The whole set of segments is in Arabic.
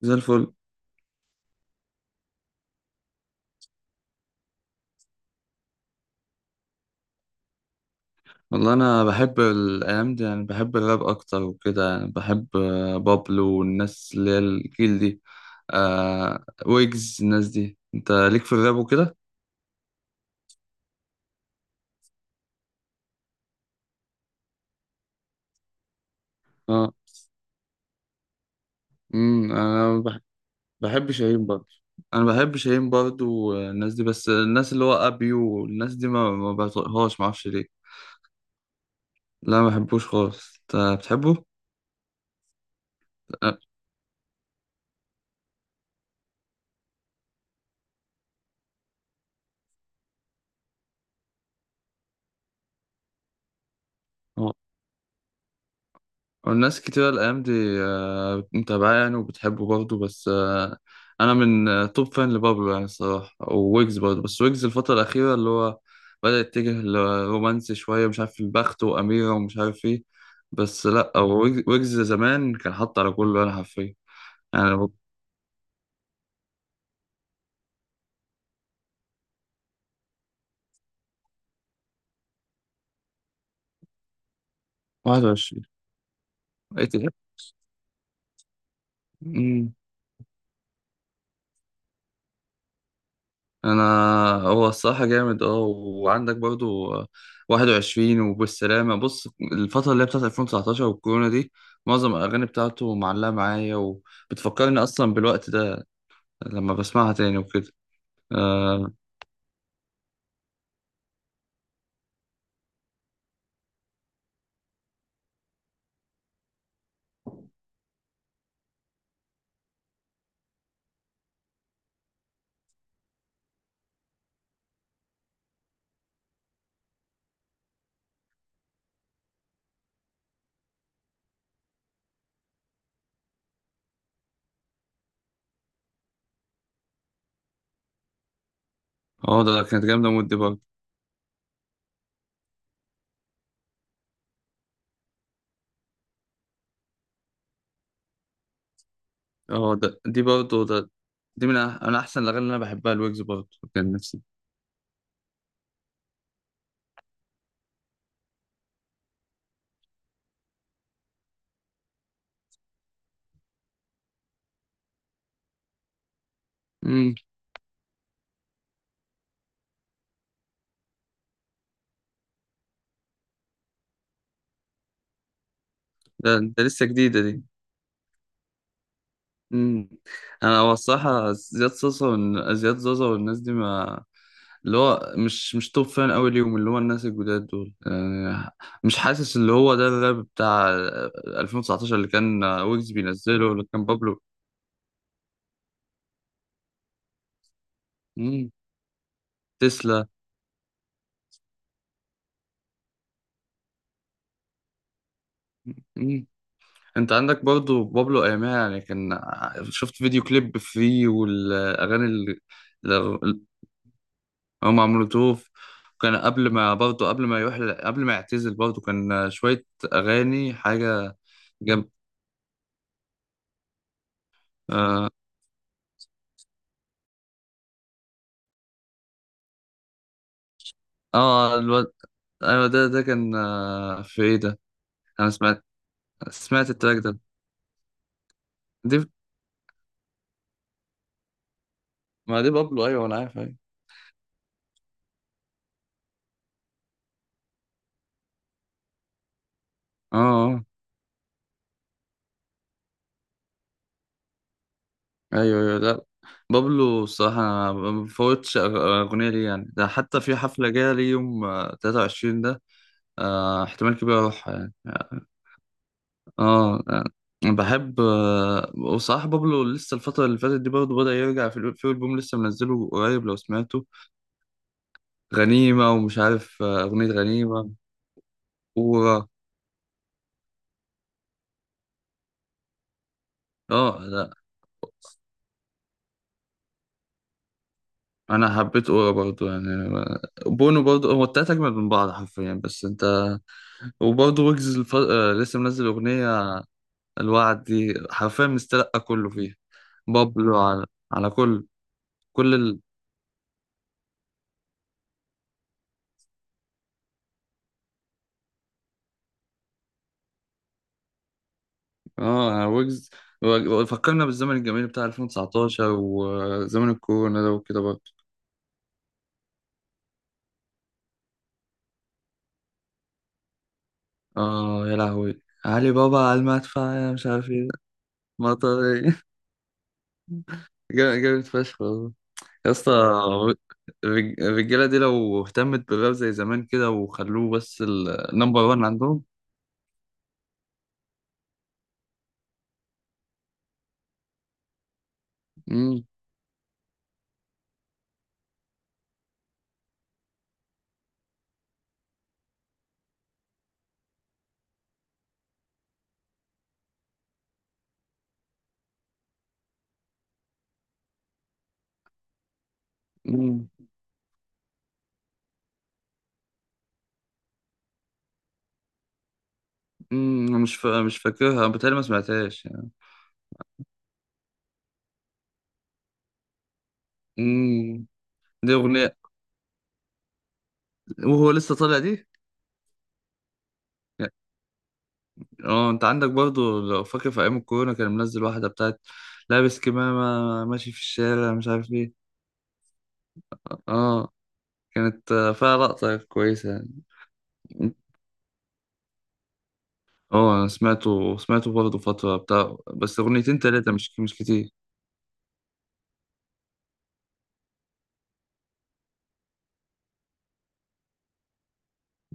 زي الفل. والله، انا بحب الايام دي، يعني بحب الراب اكتر وكده، يعني بحب، بابلو والناس اللي هي الجيل دي. ويجز، الناس دي انت ليك في الراب وكده. اه، امم انا بح- بحب شاهين برضه. انا بحب شاهين برضه والناس دي، بس الناس اللي هو ابي والناس دي ما بطيقهاش، ما اعرفش ليه. لا، ما بحبوش خالص، انت بتحبه؟ آه. والناس كتير الأيام دي، متابعاه يعني، وبتحبه برضه، بس أنا من توب فان لبابلو يعني الصراحة، وويجز برضه، بس ويجز الفترة الأخيرة اللي هو بدأ يتجه لرومانسي شوية، مش عارف البخت وأميرة ومش عارف إيه. بس لأ، هو ويجز، ويجز زمان كان حاط على كله، أنا حرفيا يعني 21. إيه ده؟ انا هو الصراحه جامد، اه. وعندك برضو 21 وبالسلامه. بص الفتره اللي هي بتاعت 2019 والكورونا دي، معظم الاغاني بتاعته معلقه معايا، وبتفكرني اصلا بالوقت ده لما بسمعها تاني وكده. اه. ده كانت جامده، مود دي برضو. اه، ده دي برضو ده. دي من انا احسن الاغاني اللي انا بحبها الويجز برضو. كان نفسي. امم ده, ده لسه جديده دي. مم. انا هو الصراحه، زياد صوصه زياد زوزة والناس دي، ما اللي هو مش توب فان قوي ليهم، اللي هو الناس الجداد دول، يعني مش حاسس اللي هو ده الراب بتاع 2019 اللي كان ويجز بينزله، اللي كان بابلو. مم. تسلا. مم. انت عندك برضو بابلو ايامها، يعني كان، شفت فيديو كليب فري والاغاني. هو مع مولوتوف، كان قبل ما، برضه قبل ما يروح، قبل ما يعتزل برضه كان شوية أغاني حاجة جنب. آه, آه، الواد. أيوة، ده كان، في إيه ده؟ أنا سمعت التراك ده. دي، ما دي بابلو، أيوة أنا عارف، أيوة. آه آه. أيوة أيوة، لا. بابلو الصراحة، أنا ما بفوتش أغنية ليه، يعني ده حتى في حفلة جاية ليه يوم 23 ده. آه احتمال كبير أروحها يعني اه. أنا بحب وصراحة بابلو لسه الفترة اللي فاتت دي برضه، بدأ يرجع في في ألبوم لسه منزله قريب لو سمعته. غنيمة، ومش عارف أغنية غنيمة، أورا. اه لا، أنا حبيت أورا برضه يعني آه، بونو برضه. هو التلاتة أجمل من بعض حرفيا، بس أنت، وبرضه ويجز لسه منزل أغنية الوعد دي. حرفيا مستلقى كله فيها بابلو. على، على كل، كل. اه يعني ويجز فكرنا بالزمن الجميل بتاع 2019 وزمن الكورونا ده وكده برضه. اه، يا لهوي، علي بابا على المدفع، يا مش عارف ايه، مطر ايه. جامد فشخ والله. يا اسطى، الرجاله دي لو اهتمت بالراب زي زمان كده وخلوه بس، النمبر 1 عندهم. مم. مم. مم. أنا مش فاكرها، بتهيألي ما سمعتهاش يعني. مم. دي اغنيه وهو لسه طالع دي. اه، انت عندك برضو لو فاكر في ايام الكورونا كان منزل واحده بتاعت لابس كمامه ماشي في الشارع مش عارف ايه. اه، كانت فيها لقطه كويسه يعني. اه، انا سمعته برضه فتره بتاع، بس اغنيتين تلاته مش كتير.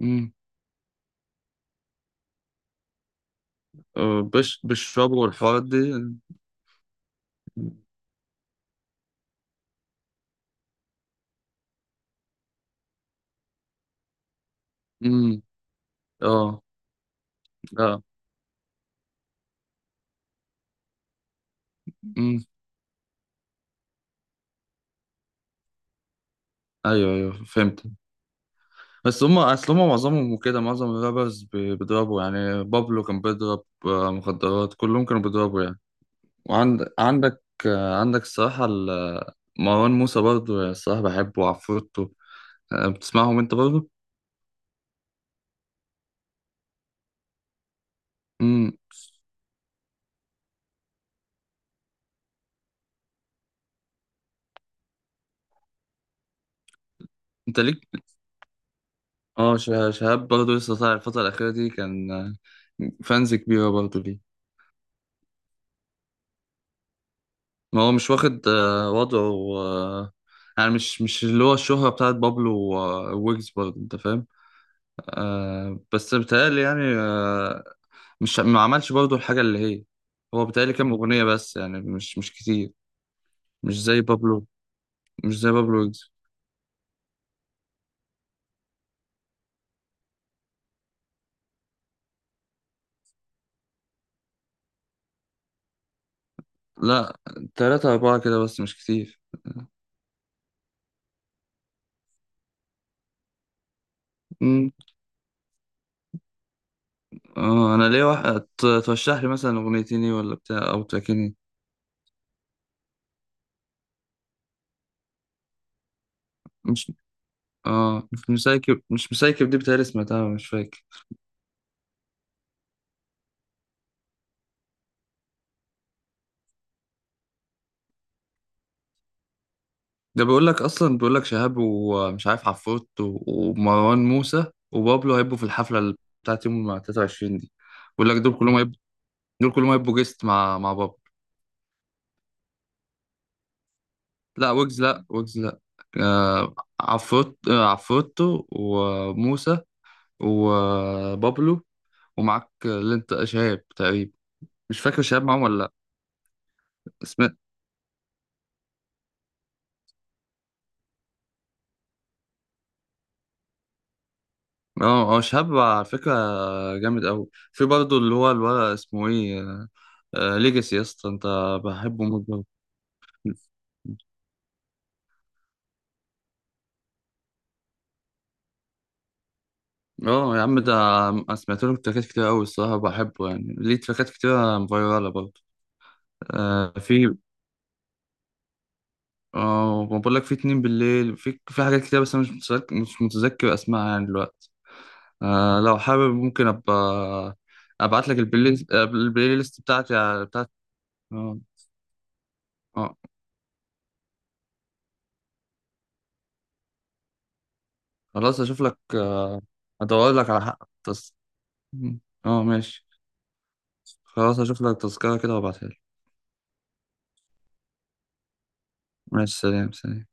امم بش بشربوا والحوارات دي. امم اه اه. امم ايوه ايوه، فهمت. بس هم اصل هم معظمهم كده، معظم الرابرز بيضربوا، يعني بابلو كان بيضرب مخدرات، كلهم كانوا بيضربوا يعني. وعندك عندك الصراحة مروان موسى برضه الصراحة بحبه، وعفروتو. أه، بتسمعهم انت برضه؟ امم انت ليك؟ اه، شهاب برضه لسه طالع الفترة الأخيرة دي، كان فانز كبيرة برضه ليه. ما هو مش واخد وضعه يعني مش اللي هو الشهرة بتاعت بابلو وويجز برضه، انت فاهم؟ آه بس بيتهيألي يعني آه، مش ما عملش برضه الحاجة اللي هي، هو بيتهيألي كام أغنية بس يعني مش كتير. مش زي بابلو، مش زي بابلو ويجز. لا، تلاتة أربعة كده بس مش كتير. امم اه، أنا ليه واحد ترشح لي مثلا أغنيتين إيه ولا بتاع أو تراكيني. مش، اه مش مسايكب دي بتهيألي سمعتها، مش فاكر. ده بيقول لك أصلا، بيقول لك شهاب ومش عارف عفروت ومروان موسى وبابلو هيبقوا في الحفلة بتاعت يوم 23 دي. بيقول لك دول كلهم هيبقوا، دول كلهم هيبقوا جيست مع بابلو. لا ويجز، لا ويجز، لا. آه عفروت عفروتو وموسى وبابلو. ومعاك اللي انت شهاب تقريبا، مش فاكر شهاب معاهم ولا لا. اسمه، اه اه شهاب على فكرة جامد قوي. في برضه اللي هو الولد اسمه ايه، آه ليجاسي يا اسطى، انت بحبه موت برضه. اه يا عم، ده أنا سمعت له تراكات كتير قوي الصراحة، بحبه يعني ليه تراكات كتير فايرالة برضه. آه في، اه ما بقول لك في اتنين بالليل، في حاجات كتير بس انا مش متذكر اسمها يعني دلوقتي. آه لو حابب ممكن ابقى ابعت لك البلاي، البلاي ليست بتاعتي. بتاعت، اه اه. خلاص اشوف لك ادور لك على حق اه ماشي. خلاص اشوف لك تذكرة كده وابعتها لك. ماشي سلام سلام.